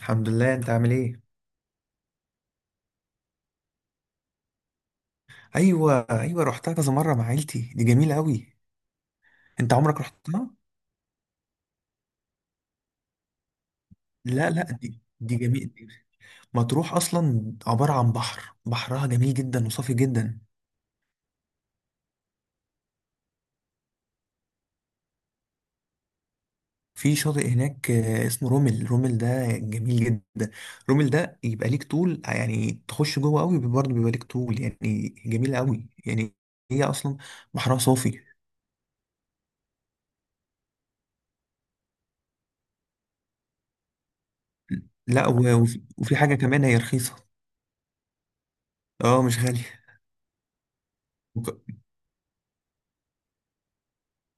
الحمد لله، انت عامل ايه؟ ايوه ايوه، رحتها كذا مره مع عيلتي، دي جميله قوي. انت عمرك رحتها؟ لا لا، دي جميله. مطروح اصلا عباره عن بحر، بحرها جميل جدا وصافي جدا. في شاطئ هناك، اسمه رومل، رومل ده جميل جدا. رومل ده يبقى ليك طول، يعني تخش جوه قوي برضه بيبقى ليك طول، يعني جميله قوي يعني. هي اصلا بحرها صافي. لا وفي حاجه كمان، هي رخيصه. اه مش غاليه.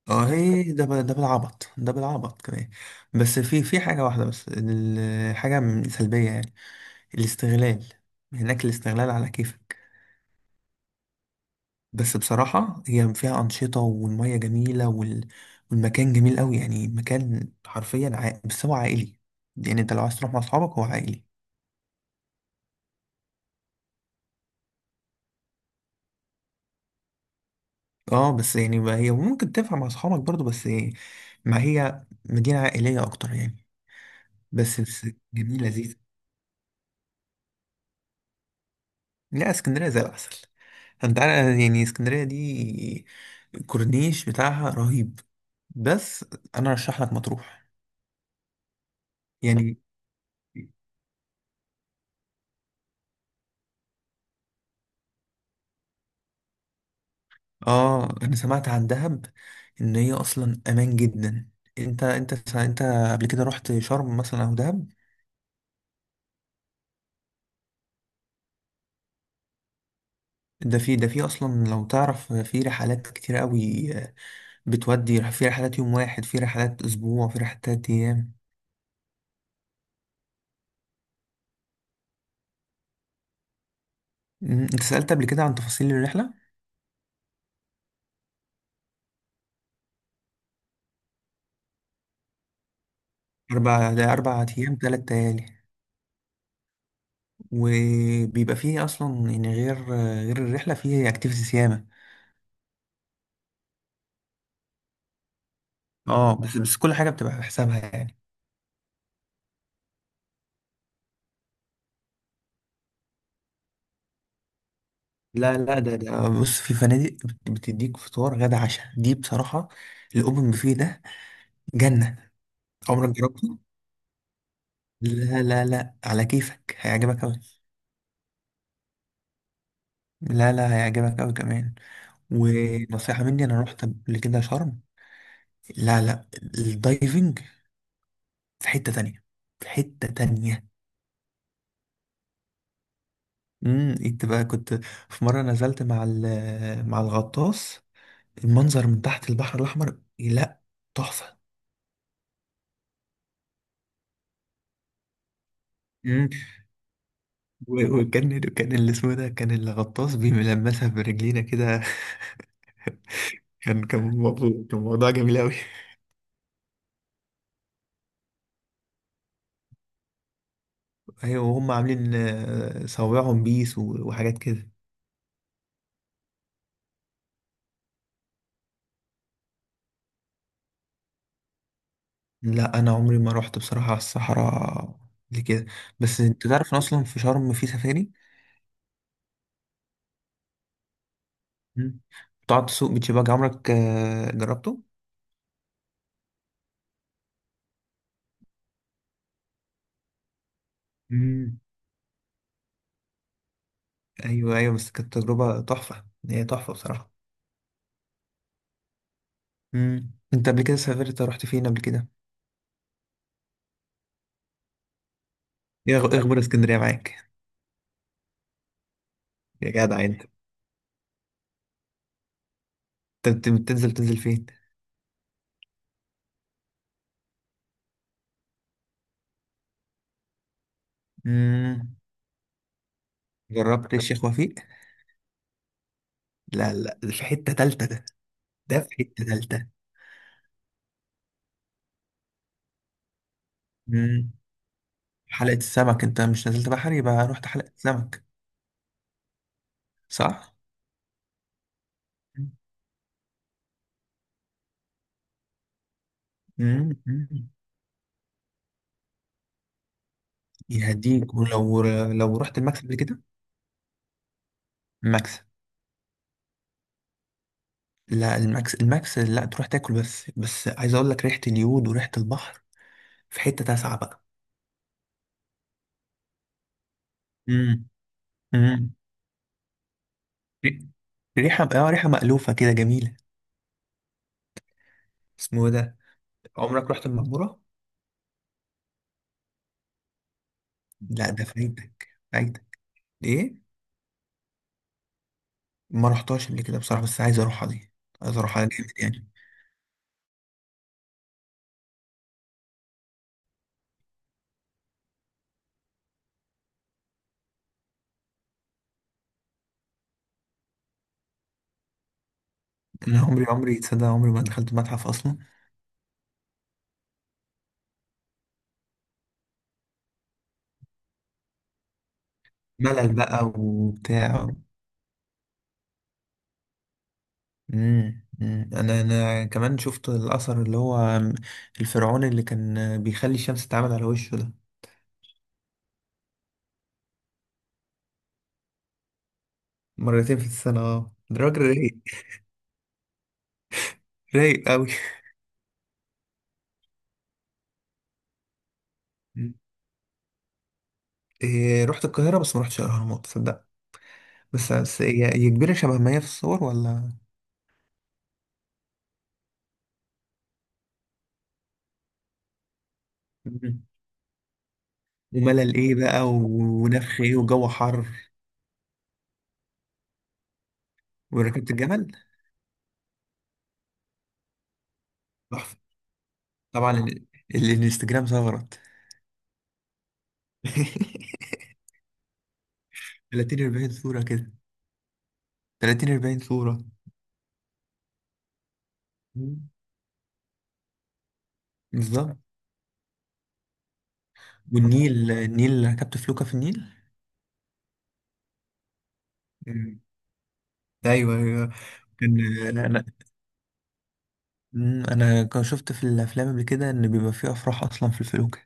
اه هي ده بالعبط كمان. بس في حاجة واحدة بس، الحاجة سلبية يعني. الاستغلال. هناك الاستغلال على كيفك. بس بصراحة هي فيها أنشطة والمية جميلة والمكان جميل قوي، يعني مكان حرفيا عائل. بس هو عائلي. يعني انت لو عايز تروح مع اصحابك، هو عائلي. اه بس يعني ما هي ممكن تنفع مع اصحابك برضو، بس ما هي مدينة عائلية اكتر يعني. بس جميلة لذيذة. لا، اسكندرية زي العسل. انت عارف يعني اسكندرية دي الكورنيش بتاعها رهيب. بس انا ارشح لك مطروح يعني. اه، انا سمعت عن دهب ان هي اصلا امان جدا. انت قبل كده رحت شرم مثلا او دهب؟ ده في اصلا لو تعرف في رحلات كتير قوي. بتودي في رحلات يوم واحد، في رحلات اسبوع، في رحلات تلات ايام. انت سألت قبل كده عن تفاصيل الرحلة؟ اربع ايام تلات ليالي. وبيبقى فيه اصلا يعني غير الرحله فيه اكتيفيتيز ياما. اه، بس كل حاجه بتبقى بحسابها يعني. لا لا، ده ده آه، بص، في فنادق بتديك فطار غدا عشاء. دي بصراحه الاوبن بوفيه ده جنه. عمرك جربته؟ لا لا لا، على كيفك هيعجبك قوي. لا لا، هيعجبك قوي كمان. ونصيحه مني، انا رحت قبل كده شرم. لا لا، الدايفنج في حته تانية، في حته تانية. انت بقى كنت في مره نزلت مع مع الغطاس. المنظر من تحت البحر الاحمر، لا تحفه. مم. وكان اللي اسمه ده كان الغطاس بيلمسها برجلينا كده. كان موضوع جميل قوي. ايوه وهم عاملين، صوابعهم بيس وحاجات كده. لا انا عمري ما رحت بصراحه على الصحراء قبل كده. بس انت تعرف ان اصلا في شرم في سفاري. مم. بتقعد تسوق بيتش باجي. عمرك جربته؟ مم. ايوه ايوه، بس كانت تجربه تحفه. هي تحفه بصراحه. انت قبل كده سافرت رحت فين قبل كده؟ ايه إيه اخبار اسكندريه معاك؟ يا جدع انت. انت تنزل فين؟ امم. جربت الشيخ وفيق؟ لا لا، ده في حته تالته ده. ده في حته تالته. امم. حلقه السمك، انت مش نزلت بحر يبقى رحت حلقه السمك، صح؟ امم. يهديك ولو. لو رحت الماكس قبل كده؟ الماكس. لا الماكس، الماكس لا تروح تاكل، بس بس عايز اقول لك ريحه اليود وريحه البحر في حتة تاسعة بقى. امم. امم. ري- ريحة مألوفة كده جميلة. اسمه ده. عمرك رحت المعمورة؟ لا، ده فايتك فايتك. ايه؟ ما رحتهاش قبل كده بصراحة، بس عايز اروحها دي. عايز اروحها جامد يعني. انا عمري، عمري تصدق، عمري ما دخلت متحف اصلا. ملل بقى وبتاع. أمم. انا كمان شفت الاثر اللي هو الفرعون اللي كان بيخلي الشمس تتعامد على وشه ده، مرتين في السنة. اه، ده راجل رايق. رايق قوي. إيه، رحت القاهرة بس ما رحتش الأهرامات، تصدق؟ بس هي كبيرة شبه ما هي في الصور ولا؟ مم. وملل إيه بقى ونفخ إيه وجو حر. وركبت الجمل، تحفة. طبعا الانستجرام ثغرت. 30 40 صورة كده، 30 40 صورة. مم. بالظبط. والنيل، ركبت فلوكة في النيل. مم. ايوه ايوه. كان انا. انا كان شفت في الافلام قبل كده ان بيبقى فيه افراح اصلا في الفلوكة.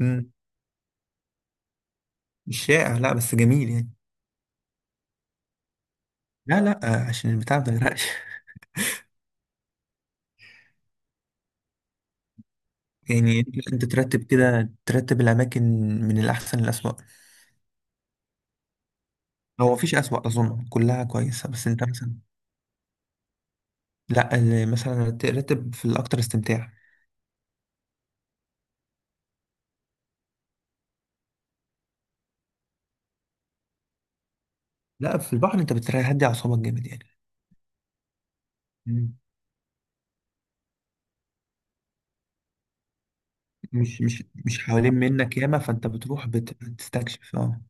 مم. مش شائع، لا بس جميل يعني. لا لا، عشان البتاع ما يغرقش. يعني انت ترتب كده، ترتب الاماكن من الاحسن للاسوأ؟ هو مفيش اسوأ، اظن كلها كويسه، بس انت مثلا. لا مثلا ترتب في الاكتر استمتاع. لا في البحر انت بتهدي اعصابك جامد يعني. مم. مش حوالين منك ياما، فانت بتروح بتستكشف اه.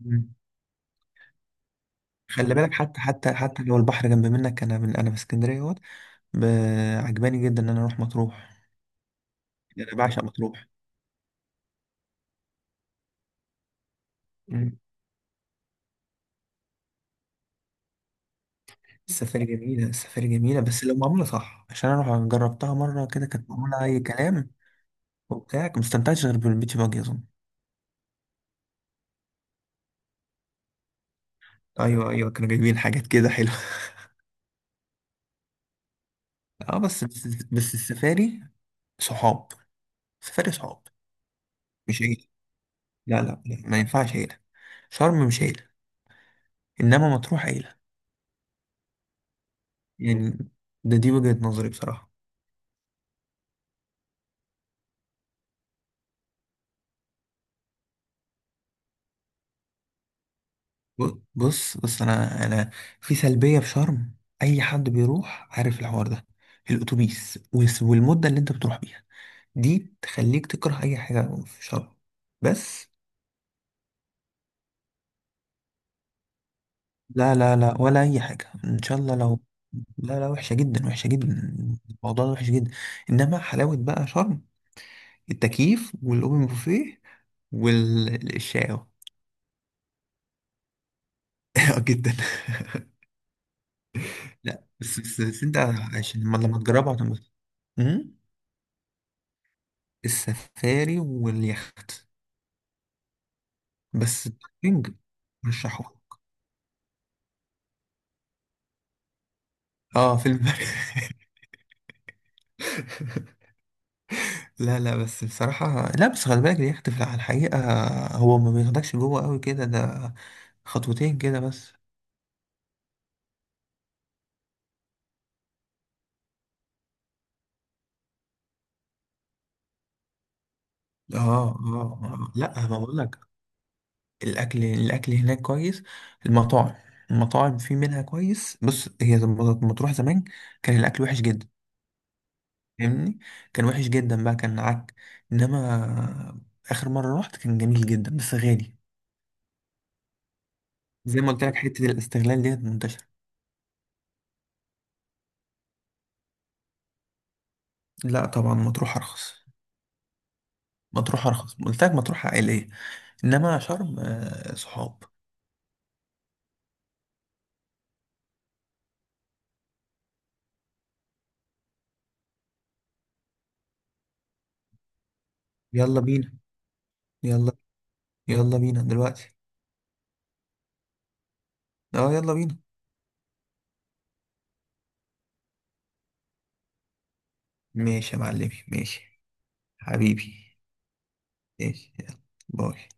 مم. خلي بالك، حتى لو البحر جنب منك. انا في اسكندريه اهوت. عجباني جدا ان انا اروح مطروح. يعني انا بعشق مطروح. السفاري جميلة، السفاري جميلة، بس لو معمولة صح، عشان أنا جربتها مرة كده كانت معمولة أي كلام وبتاع. مستمتعتش غير بالبيتش باجي أظن. أيوه أيوه كانوا جايبين حاجات كده حلوة. بس السفاري صحاب، السفاري صحاب. مش عيلة. لا لا لا، ما ينفعش عيلة. شرم مش عيلة. إنما مطروح عيلة. يعني دي وجهة نظري بصراحة. بص انا في سلبيه في شرم. اي حد بيروح عارف الحوار ده. الاتوبيس والمده اللي انت بتروح بيها دي تخليك تكره اي حاجه في شرم. بس. لا لا لا، ولا اي حاجه ان شاء الله لو. لا لا، وحشه جدا، وحشه جدا. الموضوع ده وحش جدا. انما حلاوه بقى شرم التكييف والاوبن بوفيه والشاو. جدا. لا بس انت عشان لما تجربها هتنبسط. إمم؟ السفاري واليخت. بس التrekking رشحوه. اه في البر. لا لا بس بصراحة، لا بس خلي بالك اليخت في الحقيقة هو ما بياخدكش جوه قوي كده ده، خطوتين كده بس. لا ما بقولك الأكل هناك كويس. المطاعم، المطاعم في منها كويس. بص هي لما تروح زمان كان الأكل وحش جدا. فاهمني، كان وحش جدا بقى كان عك. انما اخر مره رحت كان جميل جدا بس غالي. زي ما قلت لك حته الاستغلال ديت منتشره. لا طبعا مطروح ارخص. مطروح ارخص، قلت لك مطروح عائليه، انما شرم صحاب. يلا بينا. يلا. يلا بينا دلوقتي. اه، يلا بينا. ماشي يا معلمي ماشي. حبيبي. ماشي يلا. باي.